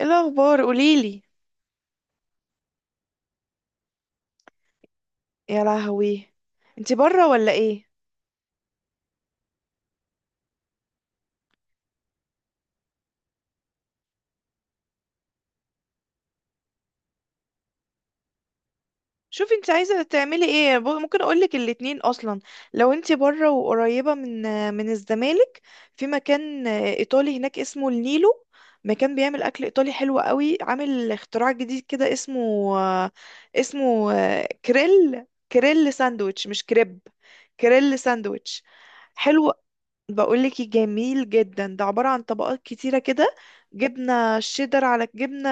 ايه الاخبار قوليلي. يا لهوي، انتي بره ولا ايه؟ شوفي انتي عايزه تعملي ايه، ممكن اقولك الاتنين اصلا. لو انتي بره وقريبه من الزمالك، في مكان ايطالي هناك اسمه النيلو. مكان بيعمل اكل ايطالي حلو قوي، عامل اختراع جديد كده اسمه اسمه كريل. كريل ساندويتش مش كريب، كريل ساندويتش. حلو. بقولك إيه، جميل جدا، ده عبارة عن طبقات كتيرة كده، جبنة شيدر على جبنة،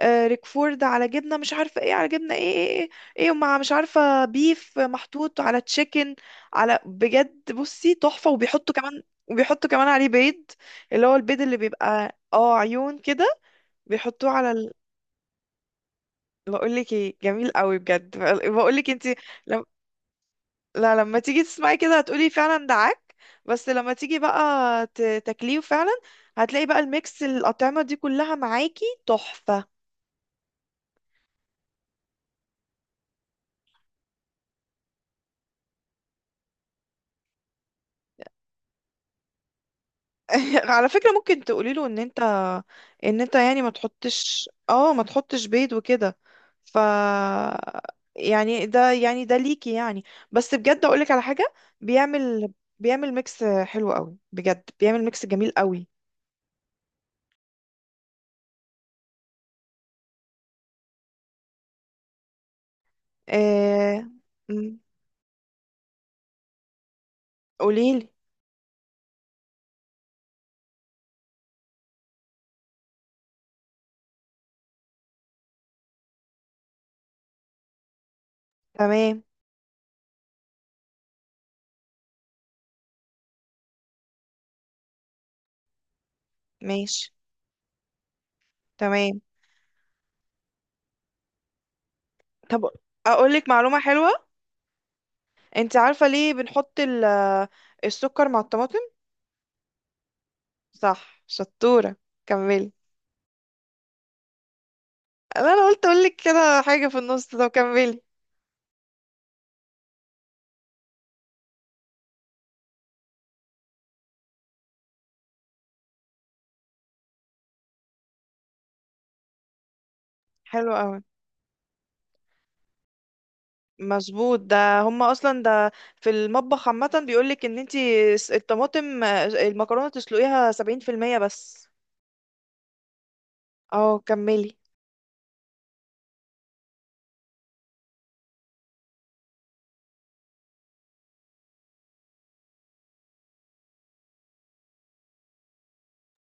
آه، ريكفورد على جبنة، مش عارفة ايه على جبنة، إيه، ومع مش عارفة بيف محطوط على تشيكن، على بجد بصي تحفة. وبيحطوا كمان عليه بيض، اللي هو البيض اللي بيبقى اه عيون كده، بيحطوه على ال... بقولك ايه جميل قوي بجد. بقولك انتي، لا لما تيجي تسمعي كده هتقولي فعلا ده عك، بس لما تيجي بقى تاكليه فعلا هتلاقي بقى الميكس الأطعمة دي كلها معاكي تحفة. على فكرة ممكن تقولي له ان انت، يعني ما تحطش، ما تحطش بيض وكده. ف يعني ده، يعني ده ليكي يعني. بس بجد اقولك على حاجة، بيعمل بيعمل ميكس حلو قوي بجد، بيعمل ميكس جميل قوي. آه... مم. قوليلي. تمام. ماشي. تمام. طب اقولك معلومة حلوة. انت عارفة ليه بنحط السكر مع الطماطم؟ صح، شطورة. كملي. أنا قلت اقولك كده حاجة في النص، طب كملي. حلو قوي، مظبوط. ده هما اصلا ده في المطبخ عامة بيقولك ان انت الطماطم، آه، المكرونة تسلقيها سبعين في المية بس. اه كملي.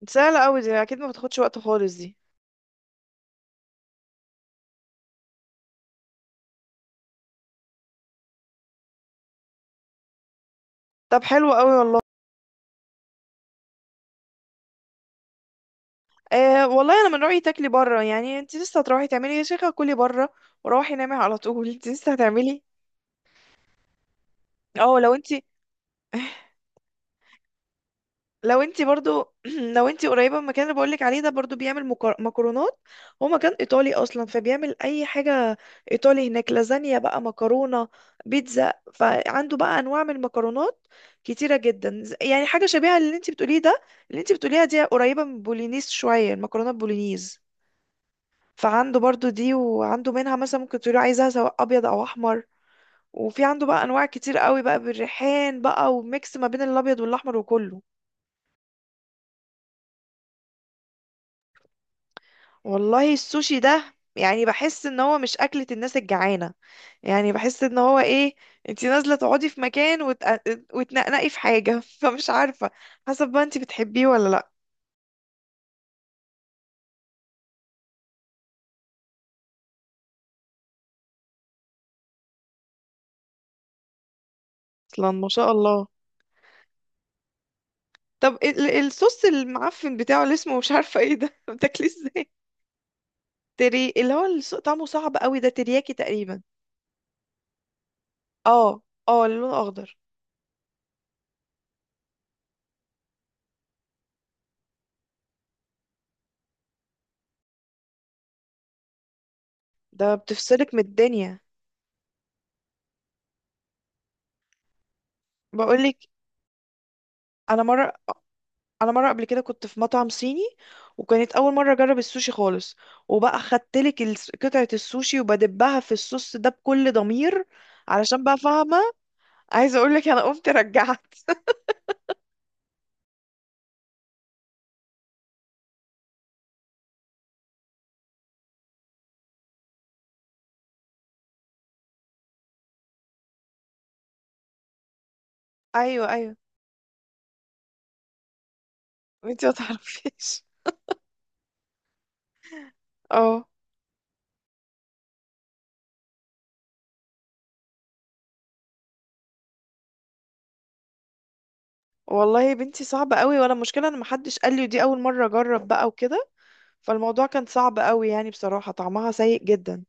سهلة قوي دي، اكيد ما بتاخدش وقت خالص دي. طب حلو قوي والله. أه والله انا من رايي تاكلي بره، يعني انت لسه هتروحي تعملي، يا شيخه كلي بره وروحي نامي على طول. انت لسه هتعملي؟ اه لو انت. لو انت برضو، لو انت قريبه من المكان اللي بقولك عليه ده، برضو بيعمل مكرونات. هو مكان ايطالي اصلا فبيعمل اي حاجه ايطالي. هناك لازانيا بقى، مكرونه، بيتزا، فعنده بقى انواع من المكرونات كتيره جدا. يعني حاجه شبيهه للي انت بتقوليه ده، اللي انت بتقوليها دي قريبه من بولينيز شويه، المكرونه بولينيز. فعنده برضو دي، وعنده منها مثلا ممكن تقولي عايزها سواء ابيض او احمر، وفي عنده بقى انواع كتير قوي بقى، بالريحان بقى، وميكس ما بين الابيض والاحمر وكله. والله السوشي ده يعني بحس ان هو مش اكلة الناس الجعانة. يعني بحس ان هو ايه، انتي نازلة تقعدي في مكان وت... وتنقنقي في حاجة. فمش عارفة، حسب بقى انتي بتحبيه ولا لا. اصلا ما شاء الله. طب الصوص المعفن بتاعه اللي اسمه مش عارفة ايه ده بتاكليه ازاي؟ تري اللي هو طعمه صعب قوي ده، ترياكي تقريبا. اه. اه، اللون اخضر. ده بتفصلك من الدنيا. بقولك، انا مره، قبل كده كنت في مطعم صيني، وكانت اول مره اجرب السوشي خالص، وبقى خدتلك قطعه السوشي وبدبها في الصوص ده بكل ضمير، علشان بقى فاهمه. عايزه اقولك انا قمت رجعت. ايوه ايوه. انتي ما تعرفيش. اه والله يا بنتي صعب قوي، ولا مشكله ان محدش قال لي، ودي اول مره اجرب بقى وكده، فالموضوع كان صعب قوي يعني بصراحه، طعمها سيء جدا.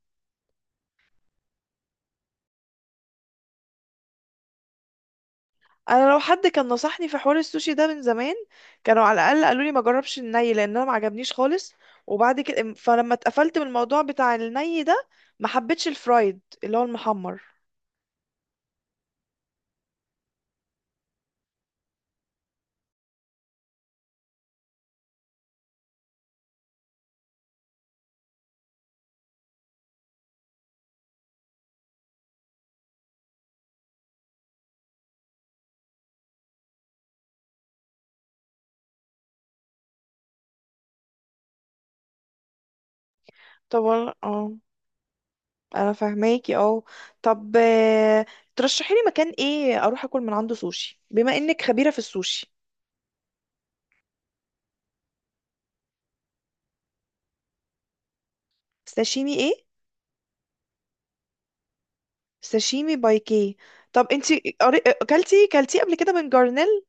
انا لو حد كان نصحني في حوار السوشي ده من زمان، كانوا على الاقل قالوا لي ما جربش الني، لان انا ما عجبنيش خالص. وبعد كده فلما اتقفلت من الموضوع بتاع الني ده، ما حبيتش الفرايد اللي هو المحمر. اه، انا فاهماكي، اه. طب آه، ترشحي لي مكان ايه اروح اكل من عنده سوشي، بما انك خبيرة في السوشي؟ ساشيمي ايه؟ ساشيمي بايكي. طب انتي اكلتي كلتيه قبل كده من جارنيل؟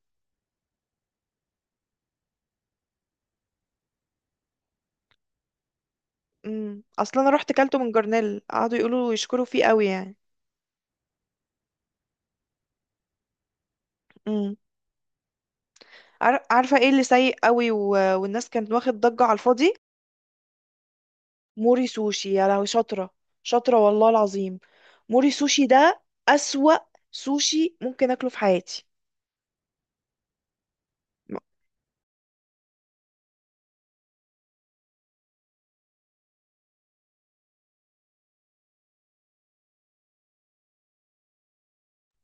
امم، اصلا انا رحت كلته من جارنيل قعدوا يقولوا يشكروا فيه قوي يعني. امم. عارفه ايه اللي سيء قوي و... والناس كانت واخد ضجه على الفاضي؟ موري سوشي، يا لهوي، شاطره، شاطره والله العظيم. موري سوشي ده اسوأ سوشي ممكن اكله في حياتي.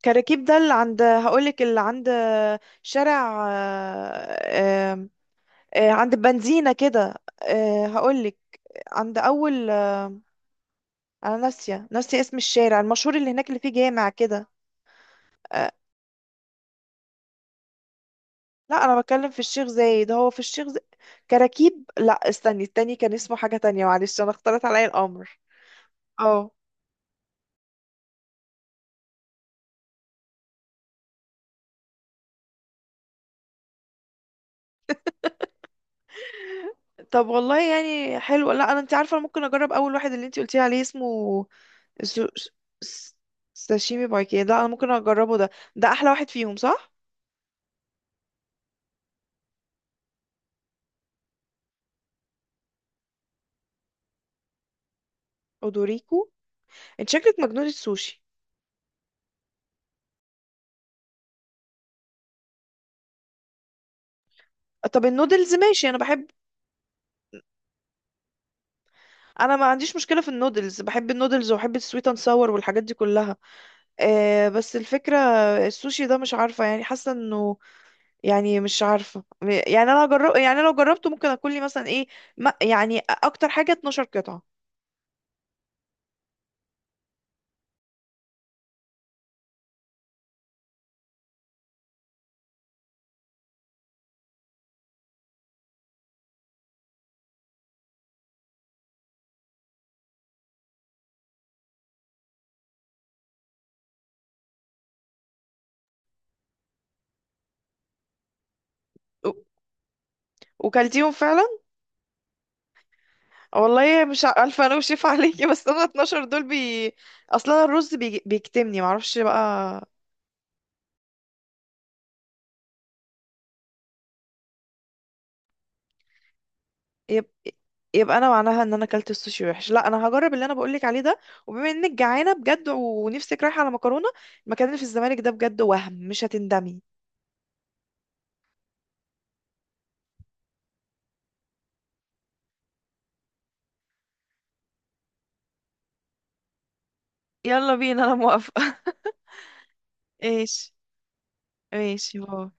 كراكيب، ده اللي عند، هقولك اللي عند شارع، آه، آم، آه، عند بنزينة كده، آه، هقولك عند أول، آه، أنا ناسية، اسم الشارع المشهور اللي هناك اللي فيه جامع كده، آه، لا انا بتكلم في الشيخ زايد، هو في الشيخ زايد. كراكيب، لا استني، التاني كان اسمه حاجة تانية، معلش انا اختلط عليا الامر. اه. طب والله يعني حلو، لا انا انت عارفه أنا ممكن اجرب اول واحد اللي انت قلتي عليه اسمه سو... س- ساشيمي بايكي، ده انا ممكن اجربه ده، ده احلى واحد فيهم صح؟ اودوريكو. انت شكلك مجنونه السوشي. طب النودلز ماشي انا بحب. انا ما عنديش مشكله في النودلز، بحب النودلز وبحب السويت اند ساور والحاجات دي كلها. آه بس الفكره السوشي ده مش عارفه يعني، حاسه انه يعني مش عارفة يعني انا جرب، يعني لو جربته ممكن اكل لي مثلا ايه، ما يعني اكتر حاجة 12 قطعة. و- وكلتيهم فعلا؟ والله مش الف انا وشيف عليكي. بس انا 12 دول بي، اصلا الرز بي... بيكتمني معرفش بقى. يب... يبقى انا معناها ان انا اكلت السوشي وحش. لا انا هجرب اللي انا بقولك عليه ده، وبما انك جعانة بجد ونفسك رايحة على مكرونة، المكان اللي في الزمالك ده بجد وهم مش هتندمي. يلا بينا انا موافقة. ايش، ايش هو.